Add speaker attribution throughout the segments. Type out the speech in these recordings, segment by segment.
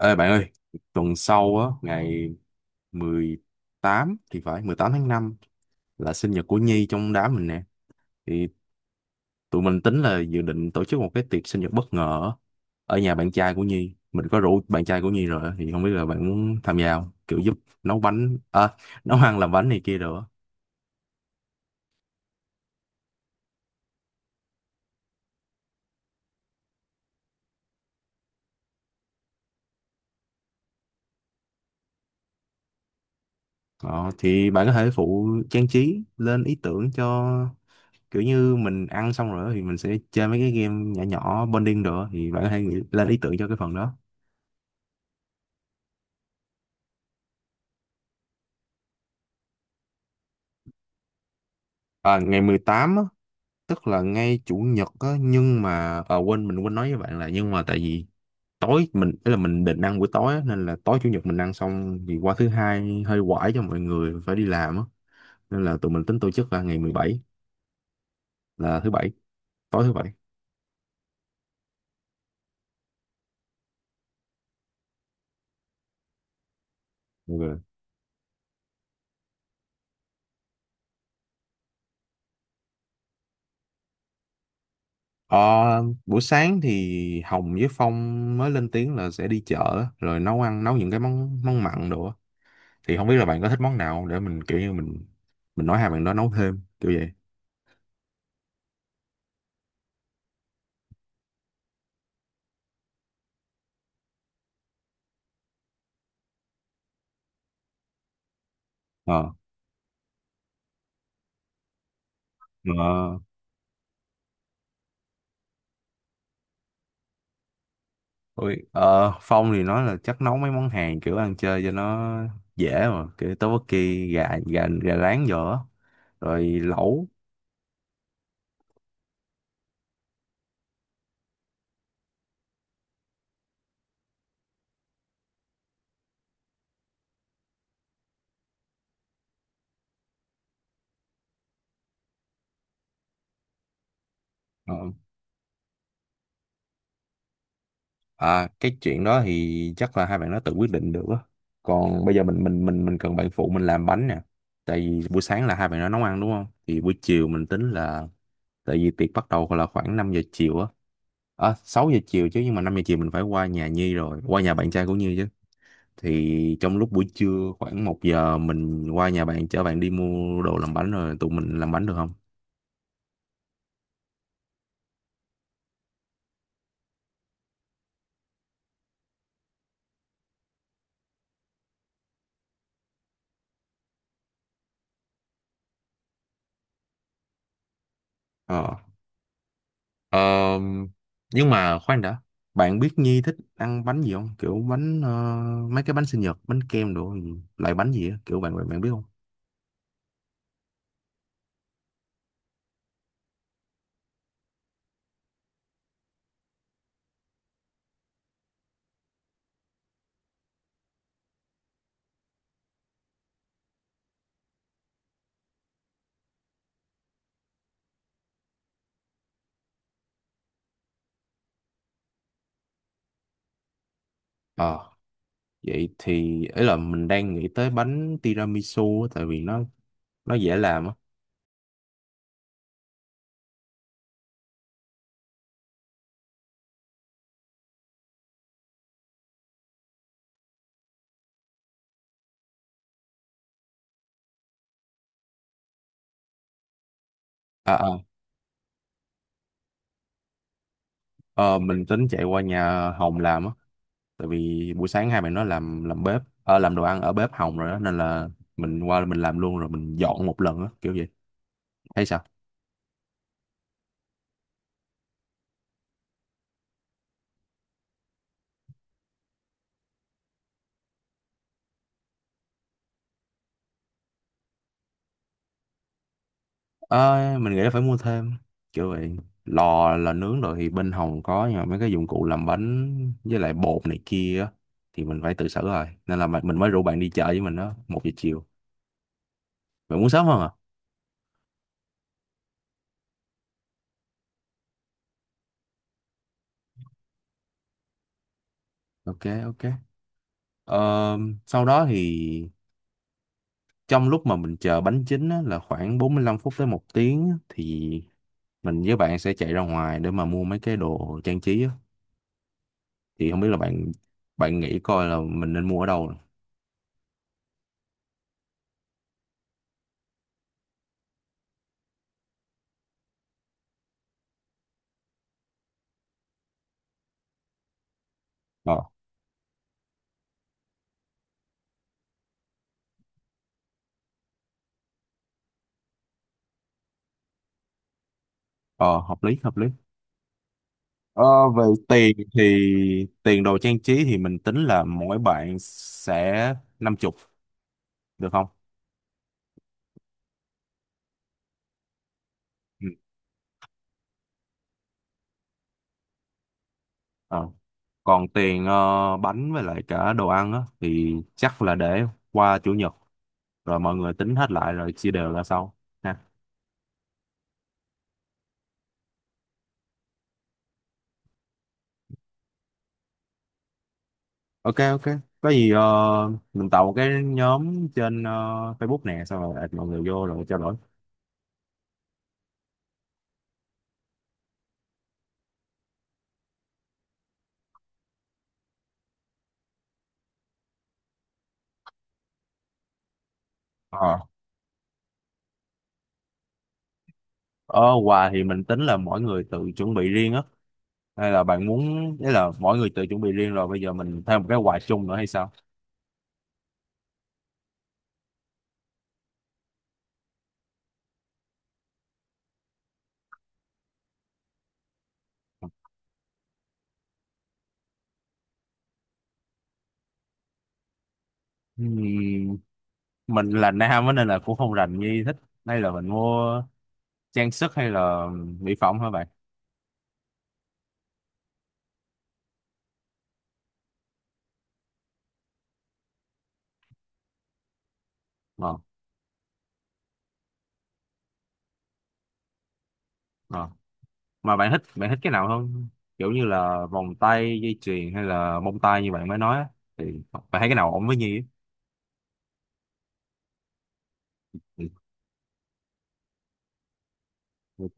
Speaker 1: Ê bạn ơi, tuần sau á, ngày 18 thì phải, 18 tháng 5 là sinh nhật của Nhi trong đám mình nè. Thì tụi mình tính là dự định tổ chức một cái tiệc sinh nhật bất ngờ á, ở nhà bạn trai của Nhi. Mình có rủ bạn trai của Nhi rồi á, thì không biết là bạn muốn tham gia không? Kiểu giúp nấu bánh, nấu ăn làm bánh này kia rồi á. Ờ, thì bạn có thể phụ trang trí lên ý tưởng cho kiểu như mình ăn xong rồi á, thì mình sẽ chơi mấy cái game nhỏ nhỏ bonding rồi á, thì bạn có thể nghĩ lên ý tưởng cho cái phần đó. À, ngày 18 á, tức là ngay chủ nhật á, nhưng mà à, quên mình quên nói với bạn là, nhưng mà tại vì tối mình ý là mình định ăn buổi tối á, nên là tối chủ nhật mình ăn xong thì qua thứ hai hơi quải cho mọi người phải đi làm á, nên là tụi mình tính tổ chức là ngày 17, là thứ bảy, tối thứ bảy. Ok. Ờ, buổi sáng thì Hồng với Phong mới lên tiếng là sẽ đi chợ á, rồi nấu những cái món món mặn đồ á. Thì không biết là bạn có thích món nào không để mình kiểu như mình nói hai bạn đó nấu thêm kiểu vậy. Ờ. Ờ. Ôi, Phong thì nói là chắc nấu mấy món Hàn kiểu ăn chơi cho nó dễ, mà kiểu tteokbokki, gà gà gà rán vô á, rồi lẩu. Ờ, cái chuyện đó thì chắc là hai bạn nó tự quyết định được á, còn bây giờ mình cần bạn phụ mình làm bánh nè. Tại vì buổi sáng là hai bạn nó nấu ăn, đúng không, thì buổi chiều mình tính là, tại vì tiệc bắt đầu là khoảng 5 giờ chiều á, 6 giờ chiều chứ, nhưng mà 5 giờ chiều mình phải qua nhà Nhi rồi qua nhà bạn trai của Nhi chứ. Thì trong lúc buổi trưa khoảng 1 giờ mình qua nhà bạn, chở bạn đi mua đồ làm bánh rồi tụi mình làm bánh được không? Ờ. Ờm, nhưng mà khoan đã. Bạn biết Nhi thích ăn bánh gì không? Kiểu bánh, mấy cái bánh sinh nhật, bánh kem đồ gì, loại bánh gì á, kiểu bạn bạn bạn biết không? Ờ, vậy thì ấy là mình đang nghĩ tới bánh tiramisu á, tại vì nó dễ làm á. À, à, ờ, mình tính chạy qua nhà Hồng làm á. Tại vì buổi sáng hai bạn nó làm bếp, làm đồ ăn ở bếp Hồng rồi đó, nên là mình qua mình làm luôn rồi mình dọn một lần á, kiểu vậy, thấy sao? Ờ, mình nghĩ là phải mua thêm kiểu vậy. Lò là nướng rồi thì bên Hồng có, nhưng mà mấy cái dụng cụ làm bánh với lại bột này kia á thì mình phải tự xử rồi, nên là mình mới rủ bạn đi chợ với mình đó một giờ chiều. Bạn muốn sớm hơn à? Ok. Ok. Ờ, sau đó thì trong lúc mà mình chờ bánh chín á, là khoảng 45 phút tới 1 tiếng á, thì mình với bạn sẽ chạy ra ngoài để mà mua mấy cái đồ trang trí á. Thì không biết là bạn bạn nghĩ coi là mình nên mua ở đâu. Ờ ờ hợp lý hợp lý. Ờ về tiền thì, tiền đồ trang trí thì mình tính là mỗi bạn sẽ 50, được không? Ừ. Ờ. Còn tiền, bánh với lại cả đồ ăn á, thì chắc là để qua chủ nhật rồi mọi người tính hết lại rồi chia đều ra sau. Ok. Ok. Có gì mình tạo một cái nhóm trên, Facebook nè, xong rồi add mọi người vô rồi trao đổi. Ờ ờ quà thì mình tính là mỗi người tự chuẩn bị riêng á, hay là bạn muốn đấy là mỗi người tự chuẩn bị riêng rồi bây giờ mình thêm một cái quà chung nữa hay sao? Ừm, mình là nam á nên là cũng không rành như thích, hay là mình mua trang sức hay là mỹ phẩm hả bạn? Ờ ờ mà bạn thích cái nào không? Kiểu như là vòng tay, dây chuyền hay là bông tai như bạn mới nói á, thì bạn thấy cái nào ổn với Nhi á? Ừ. Ok.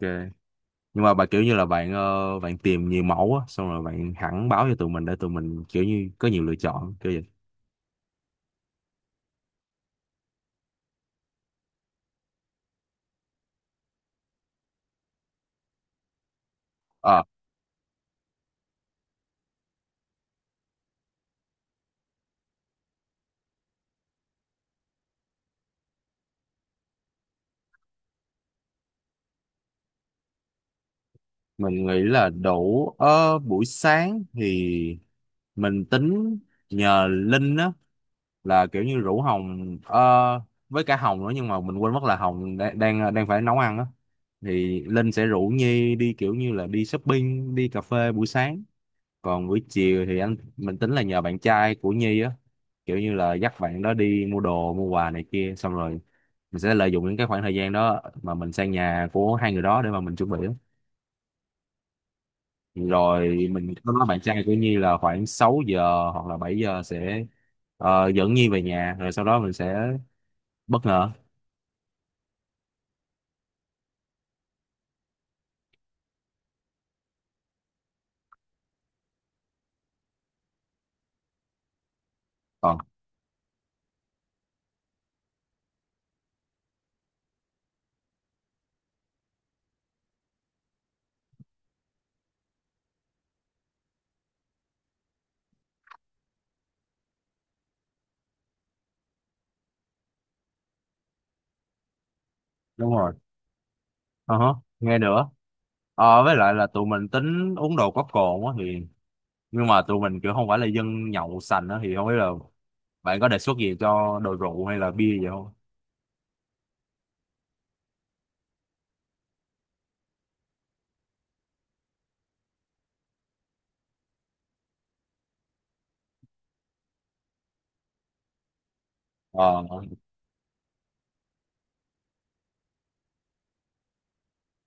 Speaker 1: Nhưng mà kiểu như là bạn, bạn tìm nhiều mẫu á, xong rồi bạn hẳn báo cho tụi mình để tụi mình kiểu như có nhiều lựa chọn kiểu vậy. Ờ, mình nghĩ là đủ. Ờ, buổi sáng thì mình tính nhờ Linh á, là kiểu như rủ Hồng, với cả Hồng nữa, nhưng mà mình quên mất là Hồng đang đang, ờ, đang phải nấu ăn á. Thì Linh sẽ rủ Nhi đi kiểu như là đi shopping, đi cà phê buổi sáng, còn buổi chiều thì anh mình tính là nhờ bạn trai của Nhi á, kiểu như là dắt bạn đó đi mua đồ mua quà này kia, xong rồi mình sẽ lợi dụng những cái khoảng thời gian đó mà mình sang nhà của hai người đó để mà mình chuẩn bị á. Rồi mình có nói bạn trai của Nhi là khoảng 6 giờ hoặc là 7 giờ sẽ dẫn Nhi về nhà rồi sau đó mình sẽ bất ngờ. Còn đúng rồi. Ờ hả, nghe nữa. Với lại là tụi mình tính uống đồ có cồn á thì, nhưng mà tụi mình kiểu không phải là dân nhậu sành á, thì không biết là bạn có đề xuất gì cho đồ rượu hay là bia gì không? ờ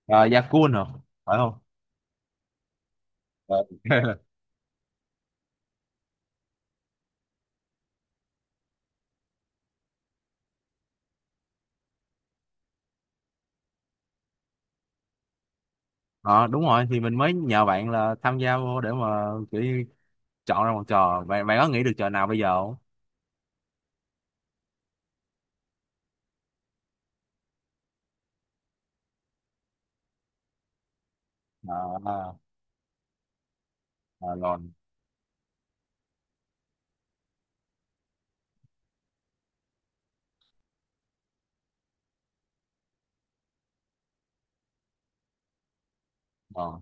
Speaker 1: à, Yakun hả, phải không? Ờ. Ờ, đúng rồi, thì mình mới nhờ bạn là tham gia vô để mà kiểu như chọn ra một trò, bạn bạn có nghĩ được trò nào bây giờ không? À, à, à, rồi. ờ,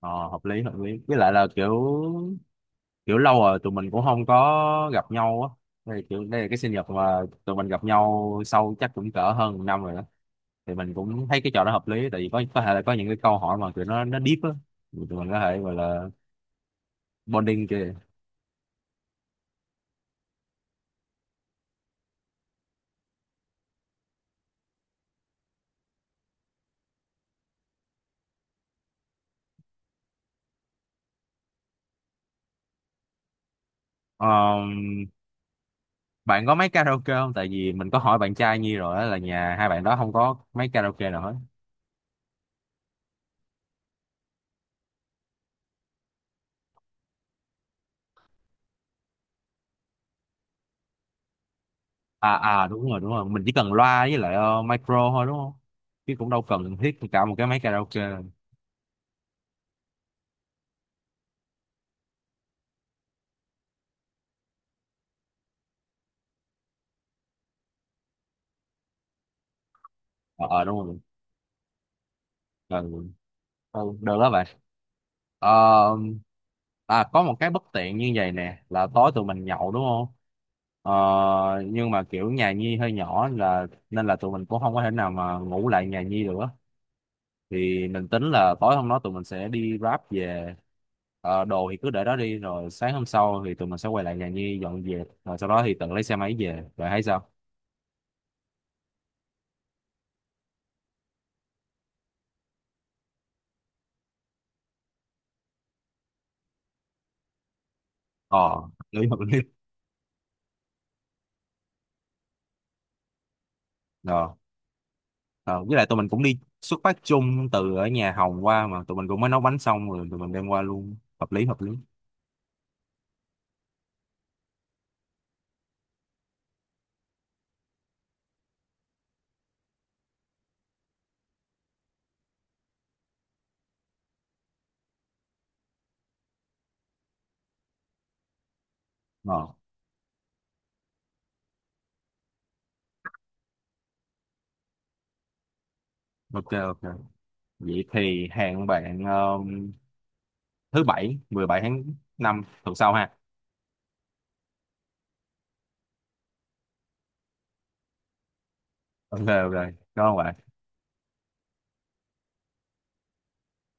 Speaker 1: ờ, hợp lý hợp lý, với lại là kiểu kiểu lâu rồi tụi mình cũng không có gặp nhau á. Đây đây là cái sinh nhật mà tụi mình gặp nhau sau chắc cũng cỡ hơn 1 năm rồi đó. Thì mình cũng thấy cái trò đó hợp lý, tại vì có thể là có những cái câu hỏi mà tụi nó deep á, tụi mình có thể gọi là bonding kìa. Ờm, bạn có máy karaoke không? Tại vì mình có hỏi bạn trai Nhi rồi á, là nhà hai bạn đó không có máy karaoke nào hết. À à, đúng rồi đúng rồi, mình chỉ cần loa với lại, micro thôi, đúng không? Chứ cũng đâu cần thiết cả một cái máy karaoke. Đúng rồi. Cần ừ, được đó bạn. Ờ, có một cái bất tiện như vậy nè, là tối tụi mình nhậu đúng không? Ờ, nhưng mà kiểu nhà Nhi hơi nhỏ, là nên là tụi mình cũng không có thể nào mà ngủ lại nhà Nhi được á. Thì mình tính là tối hôm đó tụi mình sẽ đi Grab về. Đồ thì cứ để đó đi, rồi sáng hôm sau thì tụi mình sẽ quay lại nhà Nhi dọn dẹp, rồi sau đó thì tự lấy xe máy về, rồi thấy sao? Ờ, Đấy hợp lý rồi. Ờ, ờ, với lại tụi mình cũng đi xuất phát chung từ ở nhà Hồng qua, mà tụi mình cũng mới nấu bánh xong rồi tụi mình đem qua luôn, hợp lý hợp lý. Ờ, ok ok. Vậy thì hẹn bạn, thứ bảy 17 tháng 5 tuần sau ha. Ok ok. Cảm ơn bạn.